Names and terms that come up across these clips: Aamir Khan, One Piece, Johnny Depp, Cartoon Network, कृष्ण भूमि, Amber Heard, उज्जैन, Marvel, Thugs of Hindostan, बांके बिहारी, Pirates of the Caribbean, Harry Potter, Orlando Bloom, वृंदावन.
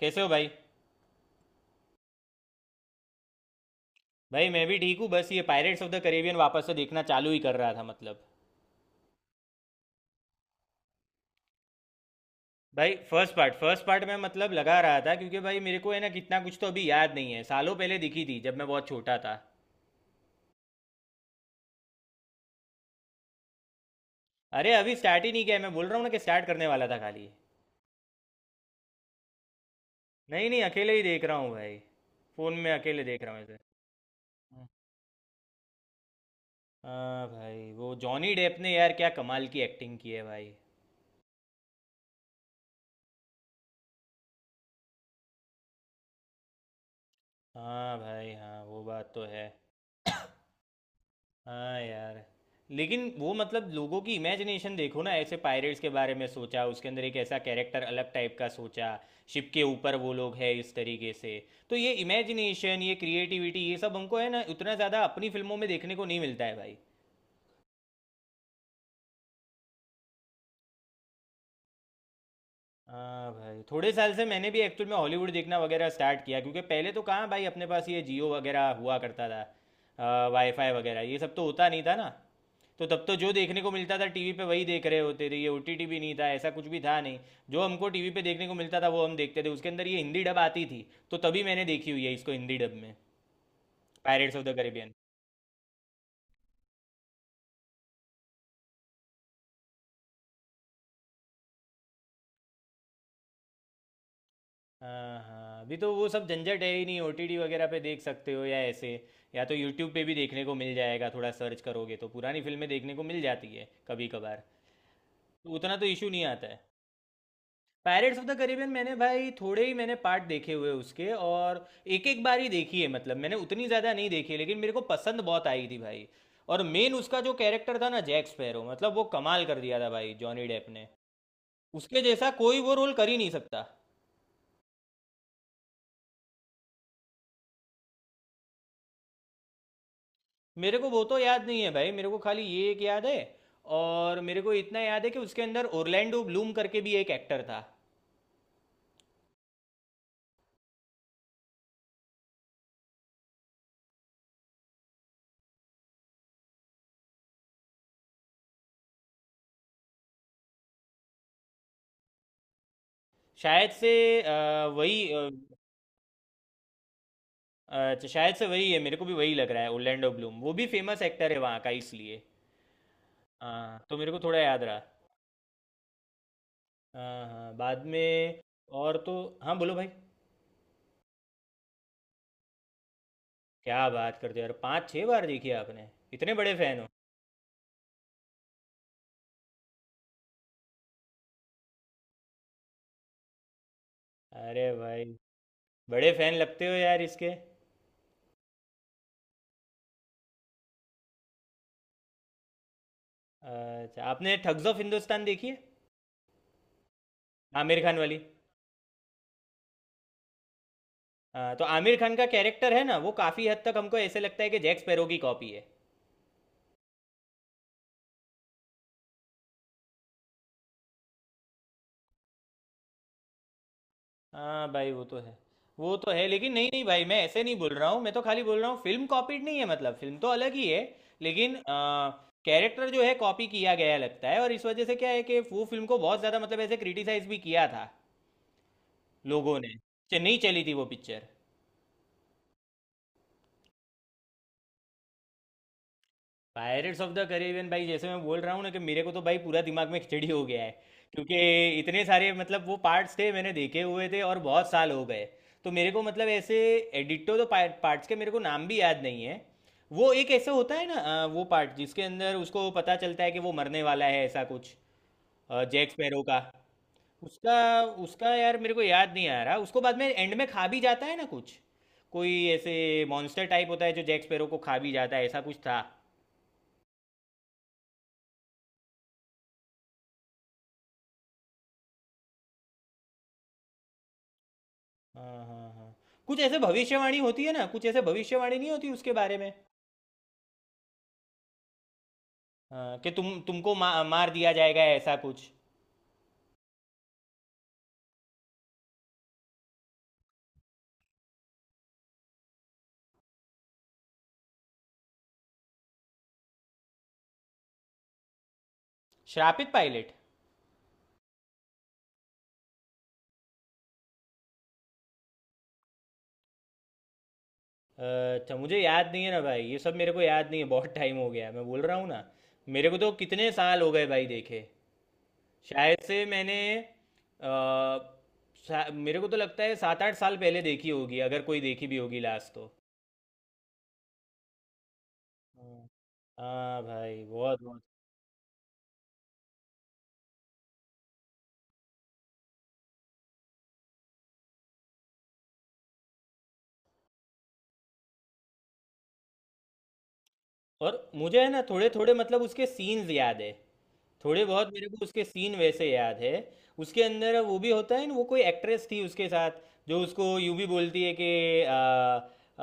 कैसे हो भाई? भाई मैं भी ठीक हूँ, बस ये पायरेट्स ऑफ द करेबियन वापस से देखना चालू ही कर रहा था मतलब। भाई फर्स्ट पार्ट में मतलब लगा रहा था, क्योंकि भाई मेरे को है ना कितना कुछ तो अभी याद नहीं है। सालों पहले दिखी थी जब मैं बहुत छोटा था। अरे अभी स्टार्ट ही नहीं किया है, मैं बोल रहा हूँ ना कि स्टार्ट करने वाला था खाली। नहीं, नहीं, अकेले ही देख रहा हूँ भाई। फ़ोन में अकेले देख रहा हूँ ऐसे। हाँ भाई, वो जॉनी डेप ने यार क्या कमाल की एक्टिंग की है भाई। हाँ भाई, हाँ, वो बात तो है। हाँ यार। लेकिन वो मतलब लोगों की इमेजिनेशन देखो ना, ऐसे पायरेट्स के बारे में सोचा, उसके अंदर एक ऐसा कैरेक्टर अलग टाइप का सोचा। शिप के ऊपर वो लोग है इस तरीके से। तो ये इमेजिनेशन, ये क्रिएटिविटी, ये सब हमको है ना उतना ज़्यादा अपनी फिल्मों में देखने को नहीं मिलता है भाई। हाँ भाई, थोड़े साल से मैंने भी एक्चुअल में हॉलीवुड देखना वगैरह स्टार्ट किया, क्योंकि पहले तो कहाँ भाई, अपने पास ये जियो वगैरह हुआ करता था, वाईफाई वगैरह ये सब तो होता नहीं था ना। तो तब तो जो देखने को मिलता था टीवी पे वही देख रहे होते थे, ये ओटीटी भी नहीं था, ऐसा कुछ भी था नहीं। जो हमको टीवी पे देखने को मिलता था वो हम देखते थे, उसके अंदर ये हिंदी डब आती थी। तो तभी मैंने देखी हुई है इसको हिंदी डब में। Pirates of the Caribbean. हाँ, हाँ, अभी तो वो सब झंझट है ही नहीं, ओटीटी वगैरह पे देख सकते हो या ऐसे। या तो यूट्यूब पे भी देखने को मिल जाएगा, थोड़ा सर्च करोगे तो पुरानी फिल्में देखने को मिल जाती है कभी कभार। तो उतना तो इशू नहीं आता है। पायरेट्स ऑफ द कैरिबियन मैंने भाई थोड़े ही मैंने पार्ट देखे हुए उसके, और एक एक बार ही देखी है, मतलब मैंने उतनी ज़्यादा नहीं देखी है, लेकिन मेरे को पसंद बहुत आई थी भाई। और मेन उसका जो कैरेक्टर था ना, जैक स्पैरो, मतलब वो कमाल कर दिया था भाई जॉनी डेप ने। उसके जैसा कोई वो रोल कर ही नहीं सकता। मेरे को वो तो याद नहीं है भाई, मेरे को खाली ये एक याद है। और मेरे को इतना याद है कि उसके अंदर ओरलैंडो ब्लूम करके भी एक एक्टर था। शायद से। वही। अच्छा, शायद से वही है, मेरे को भी वही लग रहा है। ओरलैंडो ब्लूम वो भी फेमस एक्टर है वहाँ का इसलिए। हाँ, तो मेरे को थोड़ा याद रहा। हाँ, हाँ, बाद में। और तो। हाँ, बोलो भाई। क्या बात करते हो यार, 5-6 बार देखी है आपने? इतने बड़े फ़ैन हो? अरे भाई। बड़े फ़ैन लगते हो यार इसके। अच्छा, आपने ठग्स ऑफ हिंदुस्तान देखी है? आमिर खान वाली? हाँ तो आमिर खान का कैरेक्टर है ना, वो काफ़ी हद तक हमको ऐसे लगता है कि जैक स्पैरो की कॉपी है। हाँ भाई, वो तो है। वो तो है, लेकिन नहीं, नहीं, भाई, मैं ऐसे नहीं बोल रहा हूँ। मैं तो खाली बोल रहा हूँ फिल्म कॉपीड नहीं है, मतलब फिल्म तो अलग ही है। लेकिन कैरेक्टर जो है कॉपी किया गया लगता है, और इस वजह से क्या है कि वो फिल्म को बहुत ज़्यादा मतलब ऐसे क्रिटिसाइज भी किया था लोगों ने। चेन्नई चली थी वो picture. Pirates of the Caribbean भाई, जैसे मैं बोल रहा हूँ ना, कि मेरे को तो भाई पूरा दिमाग में खिचड़ी हो गया है। क्योंकि इतने सारे मतलब वो पार्ट्स थे मैंने देखे हुए थे, और बहुत साल हो गए। तो मेरे को मतलब ऐसे, एडिटो तो पार्ट्स के मेरे को नाम भी याद नहीं है। वो एक ऐसे होता है ना, वो पार्ट जिसके अंदर उसको पता चलता है कि वो मरने वाला है, ऐसा कुछ। जैक स्पैरो का। उसका उसका यार, मेरे को याद नहीं आ रहा। उसको बाद में एंड में खा भी जाता है ना कुछ, कोई ऐसे मॉन्स्टर टाइप होता है जो जैक स्पैरो को खा भी जाता है, ऐसा कुछ था। हाँ, हाँ, हाँ, कुछ ऐसे भविष्यवाणी होती है ना, कुछ ऐसे भविष्यवाणी नहीं होती उसके बारे में। हाँ, कि तुमको मार दिया जाएगा, ऐसा कुछ। श्रापित पायलट। अच्छा, मुझे याद नहीं है ना भाई, ये सब मेरे को याद नहीं है, बहुत टाइम हो गया, मैं बोल रहा हूँ ना। मेरे को तो कितने साल हो गए भाई देखे। शायद से मैंने मेरे को तो लगता है 7-8 साल पहले देखी होगी, अगर कोई देखी भी होगी लास्ट तो। हाँ। हाँ भाई, बहुत बहुत। और मुझे है ना थोड़े थोड़े मतलब उसके सीन्स याद है। थोड़े बहुत मेरे को उसके सीन वैसे याद है। उसके अंदर वो भी होता है ना, वो कोई एक्ट्रेस थी उसके साथ, जो उसको यूं भी बोलती है कि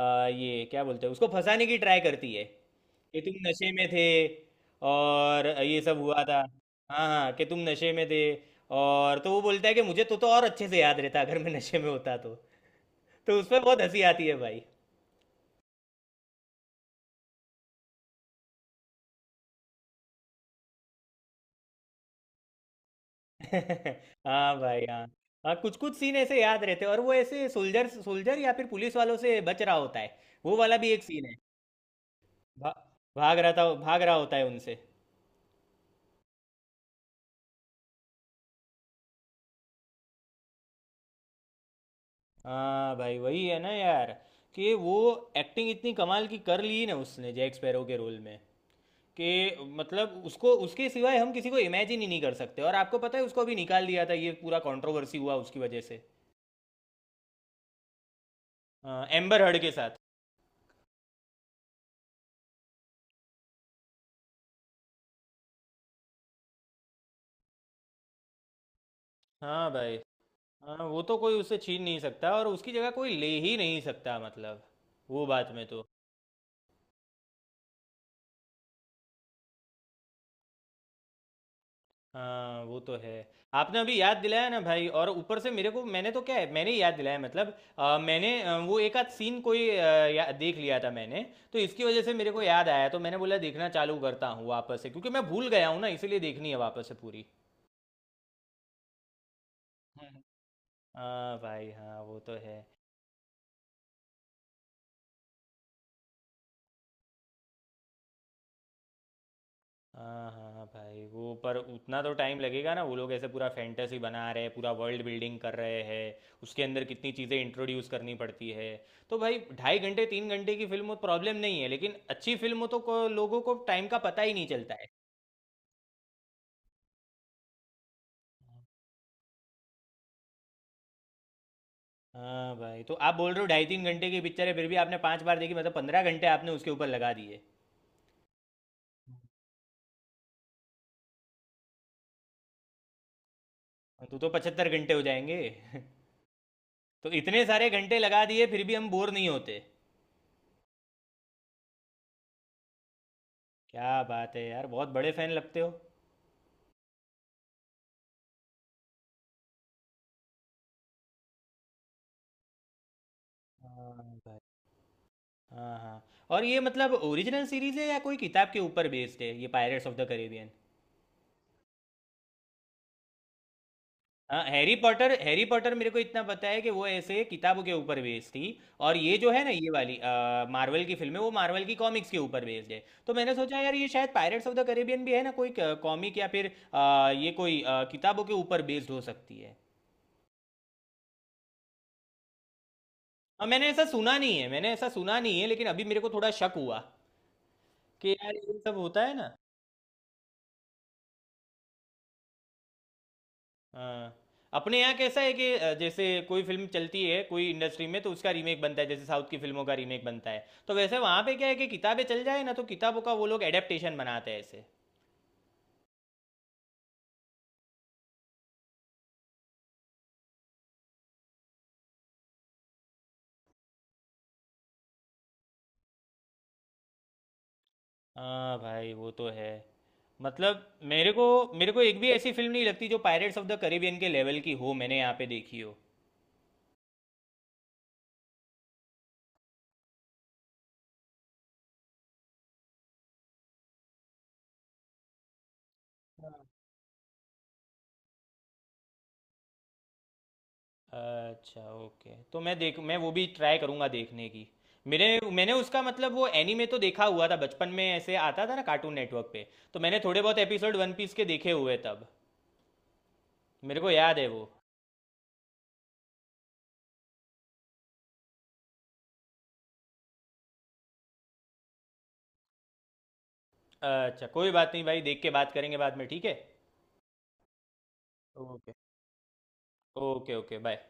ये क्या बोलते हैं, उसको फंसाने की ट्राई करती है कि तुम नशे में थे और ये सब हुआ था। हाँ, हाँ, कि तुम नशे में थे। और तो वो बोलता है कि मुझे तो और अच्छे से याद रहता अगर मैं नशे में होता तो। तो उसमें बहुत हंसी आती है भाई। हाँ भाई, हाँ। हाँ, कुछ कुछ सीन ऐसे याद रहते हैं, और वो ऐसे सोल्जर सोल्जर या फिर पुलिस वालों से बच रहा होता है। वो वाला भी एक सीन है। भा, भाग रहा होता है उनसे। हाँ भाई वही है ना यार, कि वो एक्टिंग इतनी कमाल की कर ली ना उसने जैक स्पैरो के रोल में, कि मतलब उसको उसके सिवाय हम किसी को इमेजिन ही नहीं कर सकते। और आपको पता है, उसको अभी निकाल दिया था, ये पूरा कंट्रोवर्सी हुआ उसकी वजह से। हाँ, एम्बर हर्ड के साथ। हाँ भाई। हाँ, वो तो कोई उससे छीन नहीं सकता, और उसकी जगह कोई ले ही नहीं सकता, मतलब वो बात में तो। हाँ, वो तो है। आपने अभी याद दिलाया ना भाई, और ऊपर से मेरे को, मैंने तो क्या है मैंने ही याद दिलाया मतलब। मैंने वो एक आध सीन कोई देख लिया था मैंने। तो इसकी वजह से मेरे को याद आया, तो मैंने बोला देखना चालू करता हूँ वापस से, क्योंकि मैं भूल गया हूँ ना, इसीलिए देखनी है वापस से पूरी। हम्म। हाँ भाई, हाँ, वो तो है। हाँ, हाँ, हाँ, भाई वो पर उतना तो टाइम लगेगा ना, वो लोग ऐसे पूरा फैंटेसी बना रहे हैं, पूरा वर्ल्ड बिल्डिंग कर रहे हैं। उसके अंदर कितनी चीज़ें इंट्रोड्यूस करनी पड़ती है। तो भाई 2.5 घंटे 3 घंटे की फिल्म हो प्रॉब्लम नहीं है, लेकिन अच्छी फिल्म हो तो लोगों को टाइम का पता ही नहीं चलता है। हाँ भाई, तो आप बोल रहे हो 2.5-3 घंटे की पिक्चर है, फिर भी आपने 5 बार देखी, मतलब 15 घंटे आपने उसके ऊपर लगा दिए। तो 75 घंटे हो जाएंगे। तो इतने सारे घंटे लगा दिए फिर भी हम बोर नहीं होते। क्या बात है यार, बहुत बड़े फैन लगते हो। हाँ भाई, हाँ, हाँ। और ये मतलब ओरिजिनल सीरीज है, या कोई किताब के ऊपर बेस्ड है ये पायरेट्स ऑफ द कैरिबियन? हाँ, हैरी पॉटर मेरे को इतना पता है कि वो ऐसे किताबों के ऊपर बेस्ड थी। और ये जो है ना ये वाली मार्वल की फिल्म है, वो मार्वल की कॉमिक्स के ऊपर बेस्ड है, तो मैंने सोचा यार ये शायद पायरेट्स ऑफ द कैरिबियन भी है ना कोई कॉमिक, या फिर ये कोई किताबों के ऊपर बेस्ड हो सकती है। और मैंने ऐसा सुना नहीं है, मैंने ऐसा सुना नहीं है, लेकिन अभी मेरे को थोड़ा शक हुआ कि यार ये सब होता है ना। हाँ। अपने यहाँ कैसा है कि जैसे कोई फिल्म चलती है कोई इंडस्ट्री में तो उसका रीमेक बनता है, जैसे साउथ की फिल्मों का रीमेक बनता है, तो वैसे वहाँ पे क्या है कि किताबें चल जाए ना तो किताबों का वो लोग एडेप्टेशन बनाते हैं ऐसे। हाँ भाई, वो तो है। मतलब मेरे को, मेरे को एक भी ऐसी फिल्म नहीं लगती जो पायरेट्स ऑफ द कैरिबियन के लेवल की हो मैंने यहाँ पे देखी हो। अच्छा, ओके, तो मैं वो भी ट्राई करूंगा देखने की। मेरे मैंने उसका मतलब वो एनीमे तो देखा हुआ था, बचपन में ऐसे आता था ना कार्टून नेटवर्क पे। तो मैंने थोड़े बहुत एपिसोड वन पीस के देखे हुए तब। मेरे को याद है वो। अच्छा, कोई बात नहीं भाई, देख के बात करेंगे बाद में, ठीक है। ओके। Okay, okay, bye.